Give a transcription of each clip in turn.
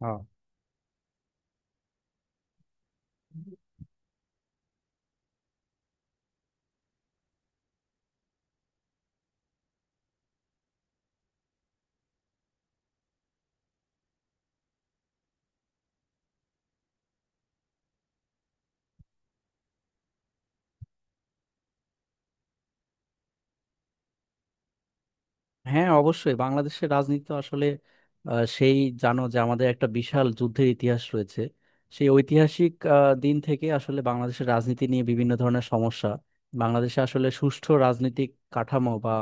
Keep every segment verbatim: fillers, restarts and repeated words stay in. আহ, হ্যাঁ, অবশ্যই। বাংলাদেশের রাজনীতি তো আসলে আহ, সেই, জানো যে আমাদের একটা বিশাল যুদ্ধের ইতিহাস রয়েছে। সেই ঐতিহাসিক আহ, দিন থেকে আসলে বাংলাদেশের রাজনীতি নিয়ে বিভিন্ন ধরনের সমস্যা। বাংলাদেশে আসলে সুষ্ঠু রাজনৈতিক কাঠামো বা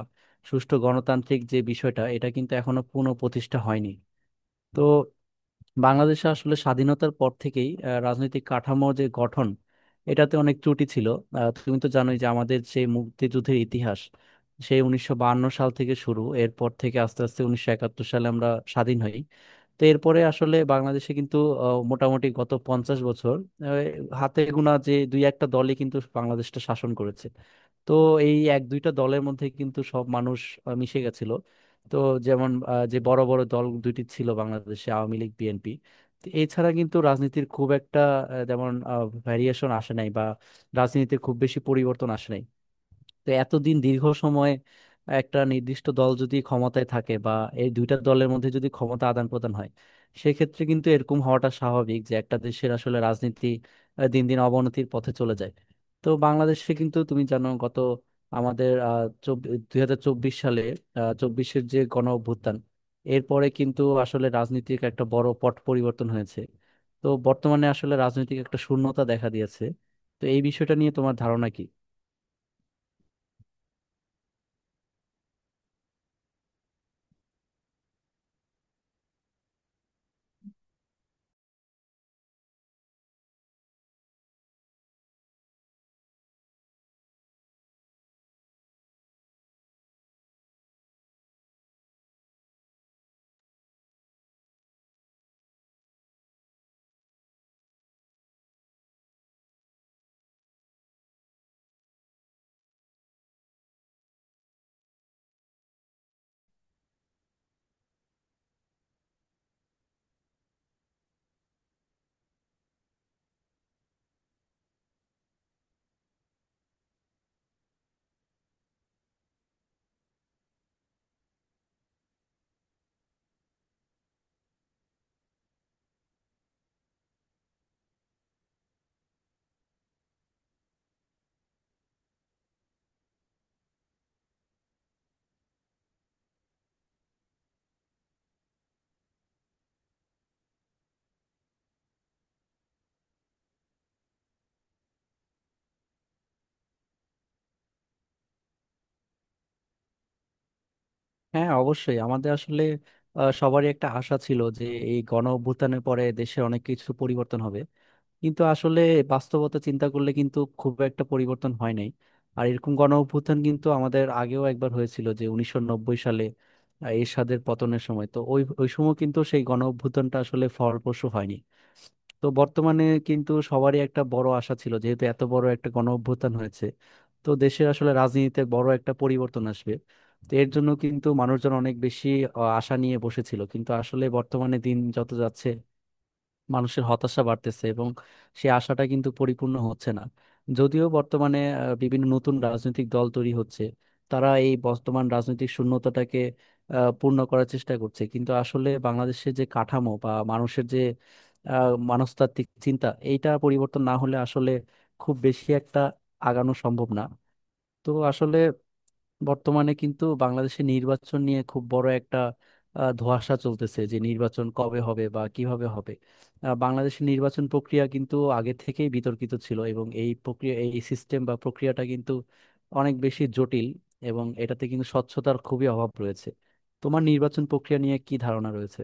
সুষ্ঠু গণতান্ত্রিক যে বিষয়টা, এটা কিন্তু এখনো পুনঃ প্রতিষ্ঠা হয়নি। তো বাংলাদেশে আসলে স্বাধীনতার পর থেকেই আহ, রাজনৈতিক কাঠামো যে গঠন, এটাতে অনেক ত্রুটি ছিল। আহ, তুমি তো জানোই যে আমাদের যে মুক্তিযুদ্ধের ইতিহাস, সেই উনিশশো বায়ান্ন সাল থেকে শুরু। এরপর থেকে আস্তে আস্তে উনিশশো একাত্তর সালে আমরা স্বাধীন হই। তো এরপরে আসলে বাংলাদেশে কিন্তু আহ, মোটামুটি গত পঞ্চাশ বছর আহ, হাতে গোনা যে দুই একটা দলই কিন্তু বাংলাদেশটা শাসন করেছে। তো এই এক দুইটা দলের মধ্যে কিন্তু সব মানুষ আহ, মিশে গেছিল। তো যেমন, আহ, যে বড় বড় দল দুইটি ছিল বাংলাদেশে, আওয়ামী লীগ, বিএনপি। এছাড়া কিন্তু রাজনীতির খুব একটা আহ, যেমন ভ্যারিয়েশন আসে নাই, বা রাজনীতিতে খুব বেশি পরিবর্তন আসে নাই। তো এতদিন দীর্ঘ সময় একটা নির্দিষ্ট দল যদি ক্ষমতায় থাকে বা এই দুইটা দলের মধ্যে যদি ক্ষমতা আদান প্রদান হয়, সেক্ষেত্রে কিন্তু এরকম হওয়াটা স্বাভাবিক যে একটা দেশের আসলে রাজনীতি আহ, দিন দিন অবনতির পথে চলে যায়। তো বাংলাদেশে কিন্তু তুমি জানো, গত আমাদের দুই হাজার চব্বিশ সালে, চব্বিশের যে গণ অভ্যুত্থান, এরপরে কিন্তু আসলে রাজনীতির একটা বড় পট পরিবর্তন হয়েছে। তো বর্তমানে আসলে রাজনৈতিক একটা শূন্যতা দেখা দিয়েছে। তো এই বিষয়টা নিয়ে তোমার ধারণা কি? হ্যাঁ, অবশ্যই। আমাদের আসলে আহ, সবারই একটা আশা ছিল যে এই গণ অভ্যুত্থানের পরে দেশে অনেক কিছু পরিবর্তন হবে। কিন্তু আসলে বাস্তবতা চিন্তা করলে কিন্তু খুব একটা পরিবর্তন হয় নাই। আর এরকম গণ অভ্যুত্থান কিন্তু আমাদের আগেও একবার হয়েছিল, যে উনিশশো নব্বই সালে আহ, এরশাদের পতনের সময়। তো ওই ওই সময় কিন্তু সেই গণ অভ্যুত্থানটা আসলে ফলপ্রসূ হয়নি। তো বর্তমানে কিন্তু সবারই একটা বড় আশা ছিল, যেহেতু এত বড় একটা গণ অভ্যুত্থান হয়েছে তো দেশের আসলে রাজনীতিতে বড় একটা পরিবর্তন আসবে। তো এর জন্য কিন্তু মানুষজন অনেক বেশি আহ, আশা নিয়ে বসেছিল। কিন্তু আসলে বর্তমানে দিন যত যাচ্ছে মানুষের হতাশা বাড়তেছে এবং সেই আশাটা কিন্তু পরিপূর্ণ হচ্ছে না। যদিও বর্তমানে আহ, বিভিন্ন নতুন রাজনৈতিক দল তৈরি হচ্ছে, তারা এই বর্তমান রাজনৈতিক শূন্যতাটাকে আহ, পূর্ণ করার চেষ্টা করছে। কিন্তু আসলে বাংলাদেশের যে কাঠামো বা মানুষের যে আহ, মনস্তাত্ত্বিক চিন্তা, এইটা পরিবর্তন না হলে আসলে খুব বেশি একটা আগানো সম্ভব না। তো আসলে বর্তমানে কিন্তু বাংলাদেশে নির্বাচন নিয়ে খুব বড় একটা আহ, ধোঁয়াশা চলতেছে যে নির্বাচন কবে হবে বা কিভাবে হবে। আহ, বাংলাদেশের নির্বাচন প্রক্রিয়া কিন্তু আগে থেকেই বিতর্কিত ছিল এবং এই প্রক্রিয়া, এই সিস্টেম বা প্রক্রিয়াটা কিন্তু অনেক বেশি জটিল। এবং এটাতে কিন্তু স্বচ্ছতার খুবই অভাব রয়েছে। তোমার নির্বাচন প্রক্রিয়া নিয়ে কি ধারণা রয়েছে?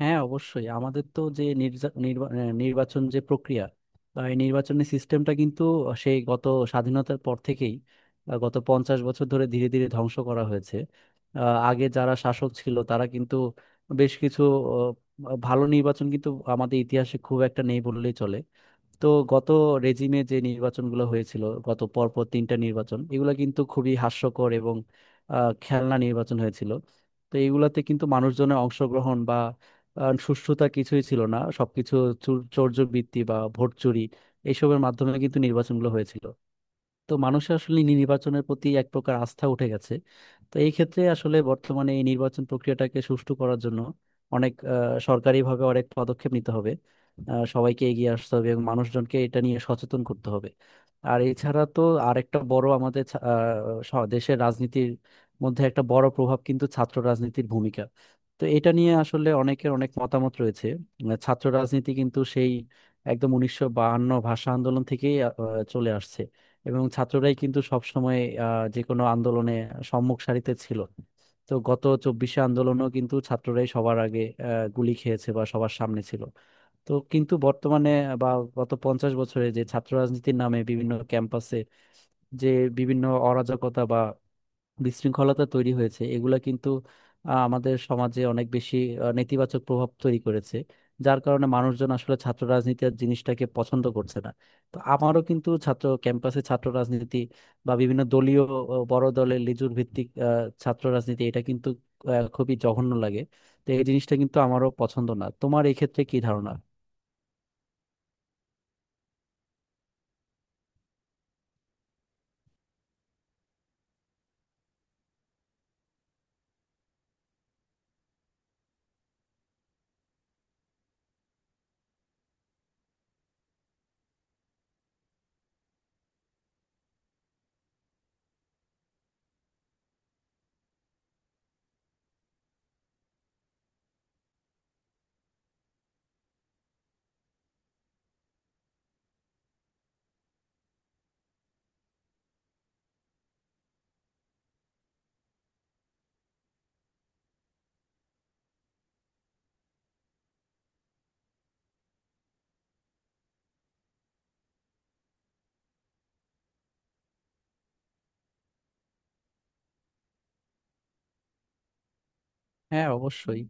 হ্যাঁ, অবশ্যই। আমাদের তো যে নির্যা- নির্বা- আহ, নির্বাচন যে প্রক্রিয়া বা এই নির্বাচনের সিস্টেমটা কিন্তু সেই গত স্বাধীনতার পর থেকেই আহ, গত পঞ্চাশ বছর ধরে ধীরে ধীরে ধ্বংস করা হয়েছে। আহ, আগে যারা শাসক ছিল তারা কিন্তু বেশ কিছু, আহ, ভালো নির্বাচন কিন্তু আমাদের ইতিহাসে খুব একটা নেই বললেই চলে। তো গত রেজিমে যে নির্বাচনগুলো হয়েছিল, গত পরপর তিনটা নির্বাচন, এগুলো কিন্তু খুবই হাস্যকর এবং আহ, খেলনা নির্বাচন হয়েছিল। তো এগুলাতে কিন্তু মানুষজনের অংশগ্রহণ বা আহ, সুষ্ঠুতা কিছুই ছিল না। সবকিছু চুর- চৌর্যবৃত্তি বা ভোট চুরি, এইসবের মাধ্যমে কিন্তু নির্বাচনগুলো হয়েছিল। তো মানুষের আসলে নি- নির্বাচনের প্রতি এক প্রকার আস্থা উঠে গেছে। তো এই ক্ষেত্রে আসলে বর্তমানে এই নির্বাচন প্রক্রিয়াটাকে সুষ্ঠু করার জন্য অনেক, আহ, সরকারিভাবে অনেক পদক্ষেপ নিতে হবে। আহ, সবাইকে এগিয়ে আসতে হবে এবং মানুষজনকে এটা নিয়ে সচেতন করতে হবে। আর এছাড়া তো আরেকটা বড়, আমাদের ছা- আহ, স- দেশের রাজনীতির মধ্যে একটা বড় প্রভাব কিন্তু ছাত্র রাজনীতির ভূমিকা। তো এটা নিয়ে আসলে অনেকের অনেক মতামত রয়েছে। আহ, ছাত্র রাজনীতি কিন্তু সেই একদম উনিশশো বাহান্ন ভাষা আন্দোলন থেকেই আহ, চলে আসছে। এবং ছাত্ররাই কিন্তু সবসময় আহ যে কোনো আন্দোলনে সম্মুখ সারিতে ছিল। তো গত চব্বিশে আন্দোলনও কিন্তু ছাত্ররাই সবার আগে আহ, গুলি খেয়েছে বা সবার সামনে ছিল। তো কিন্তু বর্তমানে বা গত পঞ্চাশ বছরে যে ছাত্র রাজনীতির নামে বিভিন্ন ক্যাম্পাসে যে বিভিন্ন অরাজকতা বা বিশৃঙ্খলতা তৈরি হয়েছে, এগুলা কিন্তু আহ, আমাদের সমাজে অনেক বেশি আহ, নেতিবাচক প্রভাব তৈরি করেছে। যার কারণে মানুষজন আসলে ছাত্র রাজনীতির জিনিসটাকে পছন্দ করছে না। তো আমারও কিন্তু ছাত্র ক্যাম্পাসে ছাত্র রাজনীতি বা বিভিন্ন দলীয়, আহ, বড় দলের লিজুর ভিত্তিক আহ, ছাত্র রাজনীতি, এটা কিন্তু আহ, খুবই জঘন্য লাগে। তো এই জিনিসটা কিন্তু আমারও পছন্দ না। তোমার এই ক্ষেত্রে কি ধারণা? হ্যাঁ, অবশ্যই।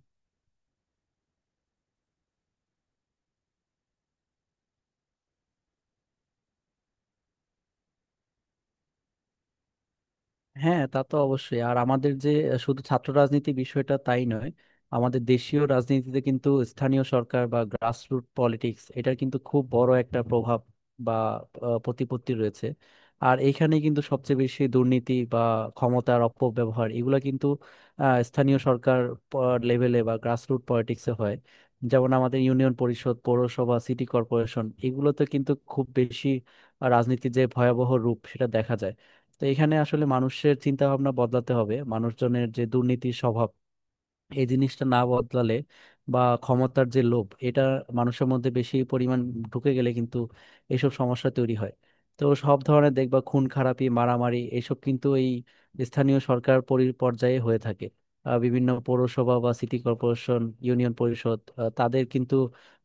হ্যাঁ, তা তো অবশ্যই। আর আমাদের যে শুধু ছাত্র রাজনীতি বিষয়টা তাই নয়। আমাদের দেশীয় রাজনীতিতে কিন্তু স্থানীয় সরকার বা গ্রাসরুট পলিটিক্স, এটার কিন্তু খুব বড় একটা প্রভাব বা আহ, প্রতিপত্তি রয়েছে। আর এইখানে কিন্তু সবচেয়ে বেশি দুর্নীতি বা ক্ষমতার অপব্যবহার, এগুলা কিন্তু আহ, স্থানীয় সরকার লেভেলে বা গ্রাসরুট পলিটিক্সে হয়। যেমন আমাদের ইউনিয়ন পরিষদ, পৌরসভা, সিটি কর্পোরেশন, এগুলোতে কিন্তু খুব বেশি রাজনীতির যে ভয়াবহ রূপ সেটা দেখা যায়। তো এখানে আসলে মানুষের চিন্তা ভাবনা বদলাতে হবে। মানুষজনের যে দুর্নীতির স্বভাব, এই জিনিসটা না বদলালে বা ক্ষমতার যে লোভ এটা মানুষের মধ্যে বেশি পরিমাণ ঢুকে গেলে কিন্তু এইসব সমস্যা তৈরি হয়। তো সব ধরনের দেখবা খুন খারাপি, মারামারি, এসব কিন্তু এই স্থানীয় সরকার পরি- পর্যায়ে হয়ে থাকে। আহ, বিভিন্ন পৌরসভা বা সিটি কর্পোরেশন, ইউনিয়ন পরিষদ, আহ, তাদের কিন্তু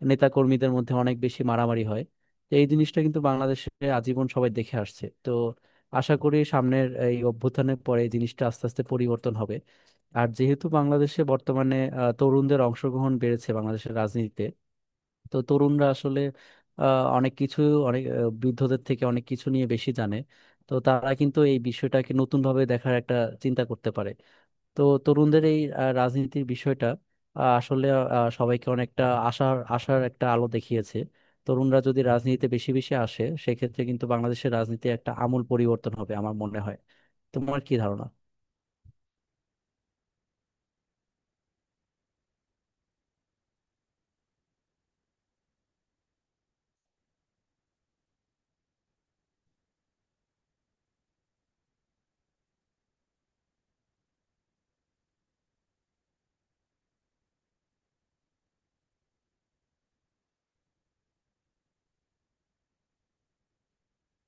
নেতাকর্মীদের মধ্যে অনেক বেশি মারামারি হয়। তো এই জিনিসটা কিন্তু বাংলাদেশে আজীবন সবাই দেখে আসছে। তো আশা করি সামনের এই অভ্যুত্থানের পরে এই জিনিসটা আস্তে আস্তে পরিবর্তন হবে। আর যেহেতু বাংলাদেশে বর্তমানে আহ, তরুণদের অংশগ্রহণ বেড়েছে বাংলাদেশের রাজনীতিতে। তো তরুণরা আসলে আহ, অনেক কিছু অনেক আহ, বৃদ্ধদের থেকে অনেক কিছু নিয়ে বেশি জানে। তো তারা কিন্তু এই বিষয়টাকে নতুনভাবে দেখার একটা চিন্তা করতে পারে। তো তরুণদের এই আহ, রাজনীতির বিষয়টা, আহ, আসলে আহ, সবাইকে অনেকটা আশার আশার একটা আলো দেখিয়েছে। তরুণরা যদি রাজনীতিতে বেশি বেশি আসে, সেক্ষেত্রে কিন্তু বাংলাদেশের রাজনীতি একটা আমূল পরিবর্তন হবে আমার মনে হয়। তোমার কি ধারণা?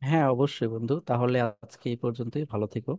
হ্যাঁ, অবশ্যই বন্ধু। তাহলে আজকে এই পর্যন্তই, ভালো থেকো।